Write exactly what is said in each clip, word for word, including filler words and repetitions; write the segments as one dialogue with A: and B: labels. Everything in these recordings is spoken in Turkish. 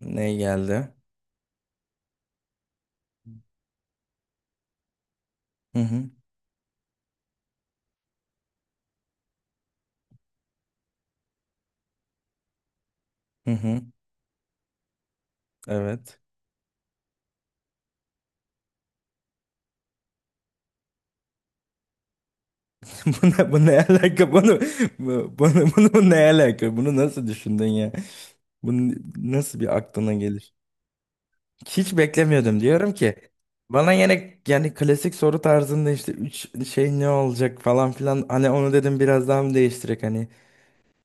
A: Ne geldi? Hı hı. Hı hı. Evet. Bu ne, bu ne alaka? Bunu, bu- bunu, bunu, bu ne alaka? Bunu nasıl düşündün ya? Bunu nasıl bir aklına gelir? Hiç beklemiyordum. Diyorum ki bana yine yani klasik soru tarzında işte üç şey ne olacak falan filan. Hani onu dedim biraz daha mı değiştirek hani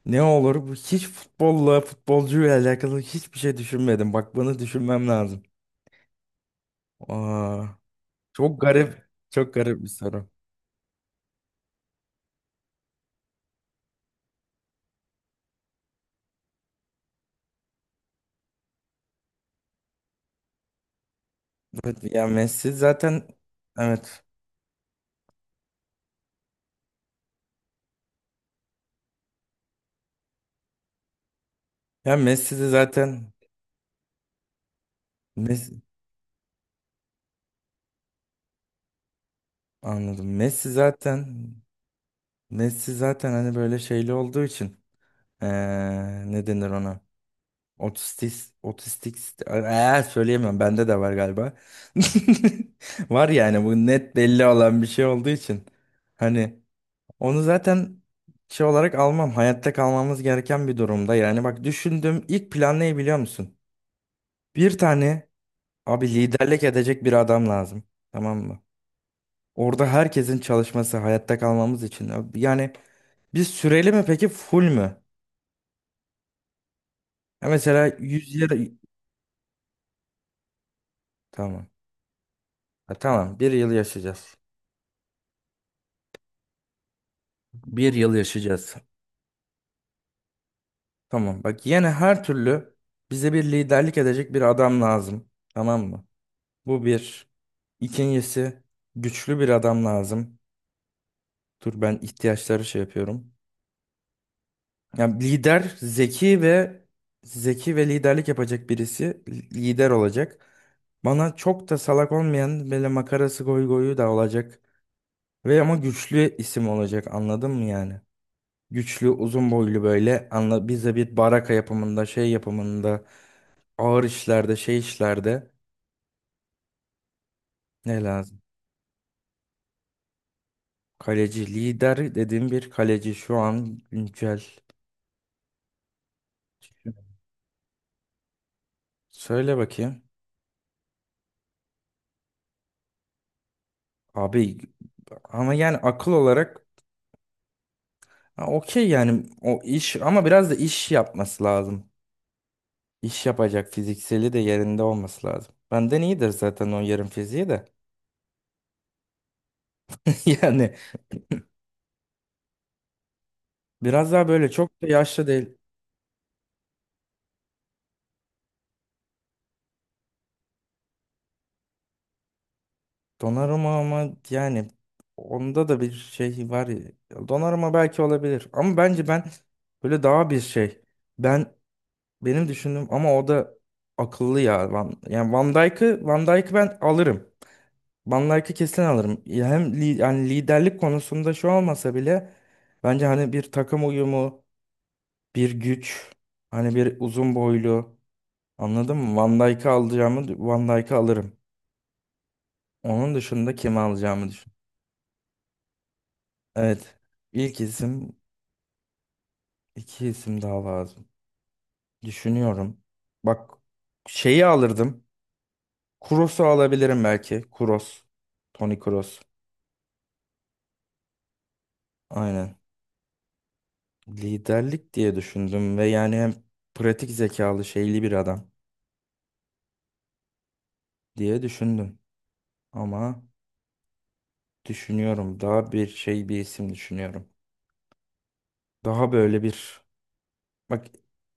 A: ne olur? Bu hiç futbolla futbolcuyla alakalı hiçbir şey düşünmedim. Bak bunu düşünmem lazım. Aa, çok garip. Çok garip bir soru. Evet ya, Messi zaten evet. Ya Messi de zaten Messi, anladım. Messi zaten, Messi zaten hani böyle şeyli olduğu için eee ne denir ona? Otistik, otistik, eee söyleyemem. Bende de var galiba. Var yani bu net belli olan bir şey olduğu için. Hani onu zaten şey olarak almam. Hayatta kalmamız gereken bir durumda. Yani bak düşündüğüm ilk plan ne biliyor musun? Bir tane, abi liderlik edecek bir adam lazım. Tamam mı? Orada herkesin çalışması hayatta kalmamız için. Abi yani biz süreli mi peki, full mü? Ya mesela yüz yıl... Tamam. Ha, tamam. Bir yıl yaşayacağız. Bir yıl yaşayacağız. Tamam. Bak yine her türlü bize bir liderlik edecek bir adam lazım. Tamam mı? Bu bir. İkincisi, güçlü bir adam lazım. Dur ben ihtiyaçları şey yapıyorum. Yani lider zeki ve zeki ve liderlik yapacak birisi, li- lider olacak. Bana çok da salak olmayan böyle makarası, goy goyu da olacak. Ve ama güçlü isim olacak, anladın mı yani? Güçlü, uzun boylu, böyle anla, bize bir baraka yapımında, şey yapımında, ağır işlerde, şey işlerde ne lazım? Kaleci lider dediğim bir kaleci şu an güncel. Söyle bakayım. Abi ama yani akıl olarak. Ha, okey, yani o iş ama biraz da iş yapması lazım. İş yapacak, fizikseli de yerinde olması lazım. Benden iyidir zaten o yarım fiziği de. Yani biraz daha böyle çok da yaşlı değil. Donnarumma ama yani onda da bir şey var ya. Donnarumma belki olabilir ama bence ben böyle daha bir şey. Ben, benim düşündüğüm ama o da akıllı ya. Van, yani Van Dijk'ı Van Dijk'ı ben alırım. Van Dijk'i kesin alırım. Ya hem li- yani liderlik konusunda şu olmasa bile bence hani bir takım uyumu, bir güç, hani bir uzun boylu, anladın mı? Van Dijk'ı alacağımı Van Dijk'ı alırım. Onun dışında kimi alacağımı düşün. Evet. İlk isim, iki isim daha lazım. Düşünüyorum. Bak şeyi alırdım. Kuros'u alabilirim belki. Kuros. Toni Kroos. Aynen. Liderlik diye düşündüm ve yani hem pratik zekalı şeyli bir adam diye düşündüm. Ama düşünüyorum. Daha bir şey, bir isim düşünüyorum. Daha böyle bir, bak,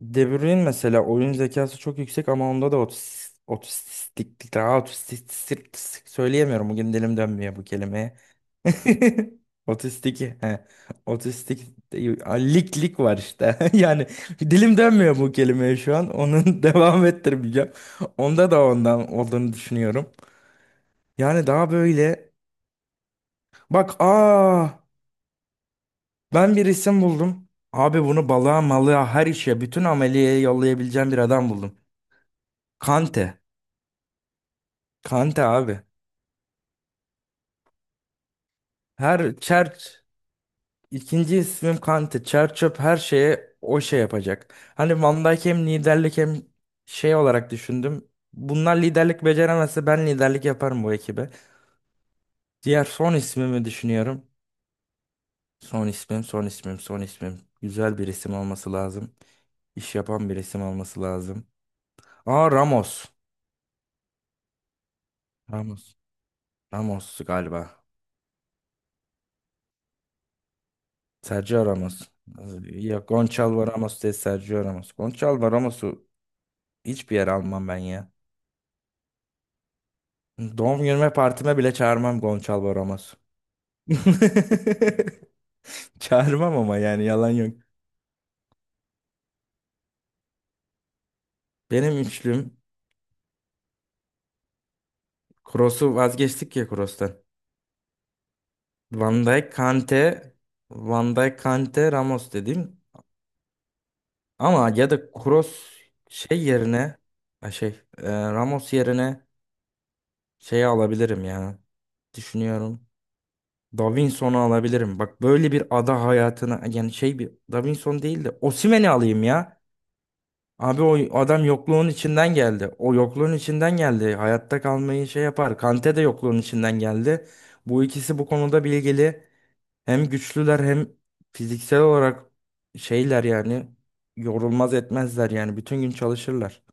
A: De Bruyne mesela oyun zekası çok yüksek ama onda da otis- otistiklik daha otistik, sirk- sirk- söyleyemiyorum. Bugün dilim dönmüyor bu kelimeye. Otistik he. Otistik değil. Aa, lik lik var işte. Yani dilim dönmüyor bu kelimeye şu an. Onun devam ettirmeyeceğim. Onda da ondan olduğunu düşünüyorum. Yani daha böyle bak aa, ben bir isim buldum. Abi bunu balığa malığa, her işe, bütün ameliyeye yollayabileceğim bir adam buldum. Kante. Kante abi. Her çer ikinci ismim Kante. Çer çöp her şeye o şey yapacak. Hani Van Dijk hem liderlik hem şey olarak düşündüm. Bunlar liderlik beceremezse ben liderlik yaparım bu ekibe. Diğer son ismimi düşünüyorum. Son ismim, son ismim, son ismim. Güzel bir isim olması lazım. İş yapan bir isim olması lazım. Aa, Ramos. Ramos. Ramos galiba. Sergio Ramos. Ya Gonçalvo Ramos değil, Sergio Ramos. Gonçalvo Ramos'u hiçbir yere almam ben ya. Doğum günüme, partime bile çağırmam Gonçalvo Ramos. Çağırmam ama yani yalan yok. Benim üçlüm, Kroos'u vazgeçtik ya, Kroos'tan. Van Dijk, Kante, Van Dijk, Kante, Ramos dedim. Ama ya da Kroos şey yerine, ha şey, e, Ramos yerine şeyi alabilirim ya. Düşünüyorum. Davinson'u alabilirim. Bak böyle bir ada hayatına yani şey, bir Davinson değil de Osimhen'i alayım ya. Abi o adam yokluğun içinden geldi. O yokluğun içinden geldi. Hayatta kalmayı şey yapar. Kante de yokluğun içinden geldi. Bu ikisi bu konuda bilgili. Hem güçlüler hem fiziksel olarak şeyler yani yorulmaz etmezler yani bütün gün çalışırlar.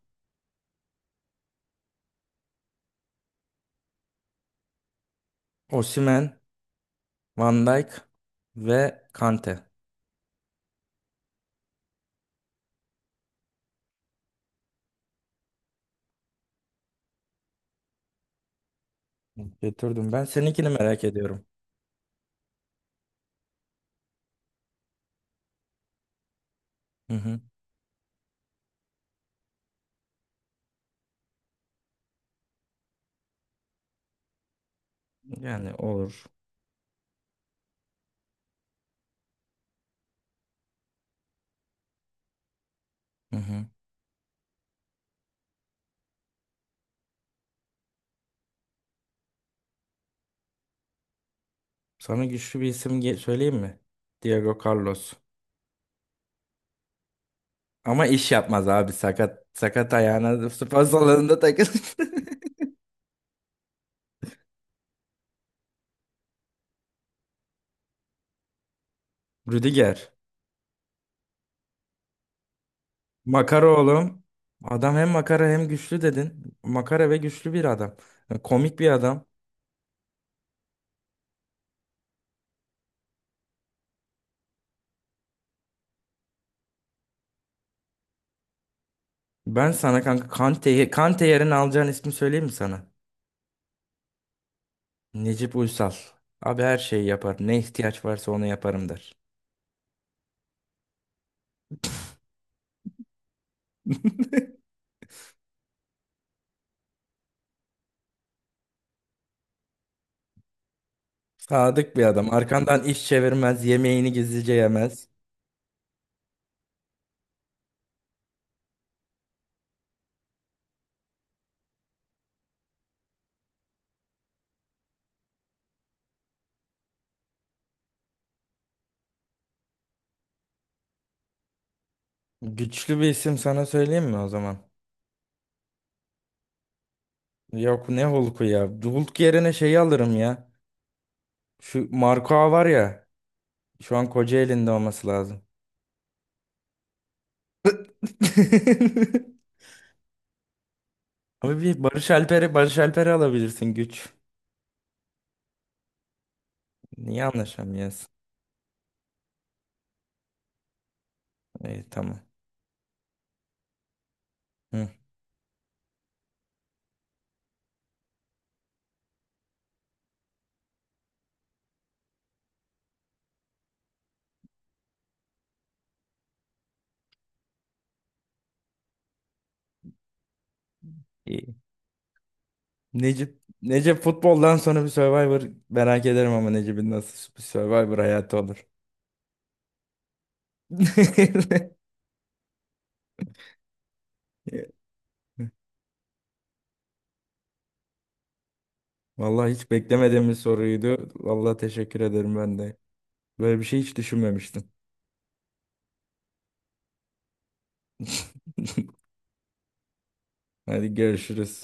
A: Osimhen, Van Dijk ve Kante. Getirdim ben. Seninkini merak ediyorum. Hı hı. Yani olur. Hı hı. Sana güçlü bir isim ge- söyleyeyim mi? Diego Carlos. Ama iş yapmaz abi. Sakat sakat ayağına spor salonunda takılır. Rüdiger. Makara oğlum. Adam hem makara hem güçlü dedin. Makara ve güçlü bir adam. Komik bir adam. Ben sana kanka Kante, Kante yerine alacağın ismi söyleyeyim mi sana? Necip Uysal. Abi her şeyi yapar. Ne ihtiyaç varsa onu yaparım der. Sadık bir adam. Arkandan iş çevirmez. Yemeğini gizlice yemez. Güçlü bir isim sana söyleyeyim mi o zaman? Yok ne Hulk'u ya. Hulk yerine şeyi alırım ya. Şu Marco var ya. Şu an Kocaeli'nde olması lazım. Abi bir Barış Alper'i Barış Alper'i alabilirsin, güç. Niye anlaşamıyorsun? İyi, tamam. Hı. İyi. Necip Necip futboldan sonra bir Survivor merak ederim ama Necip'in nasıl bir Survivor hayatı olur. Vallahi hiç beklemediğim bir soruydu. Vallahi teşekkür ederim ben de. Böyle bir şey hiç düşünmemiştim. Hadi görüşürüz.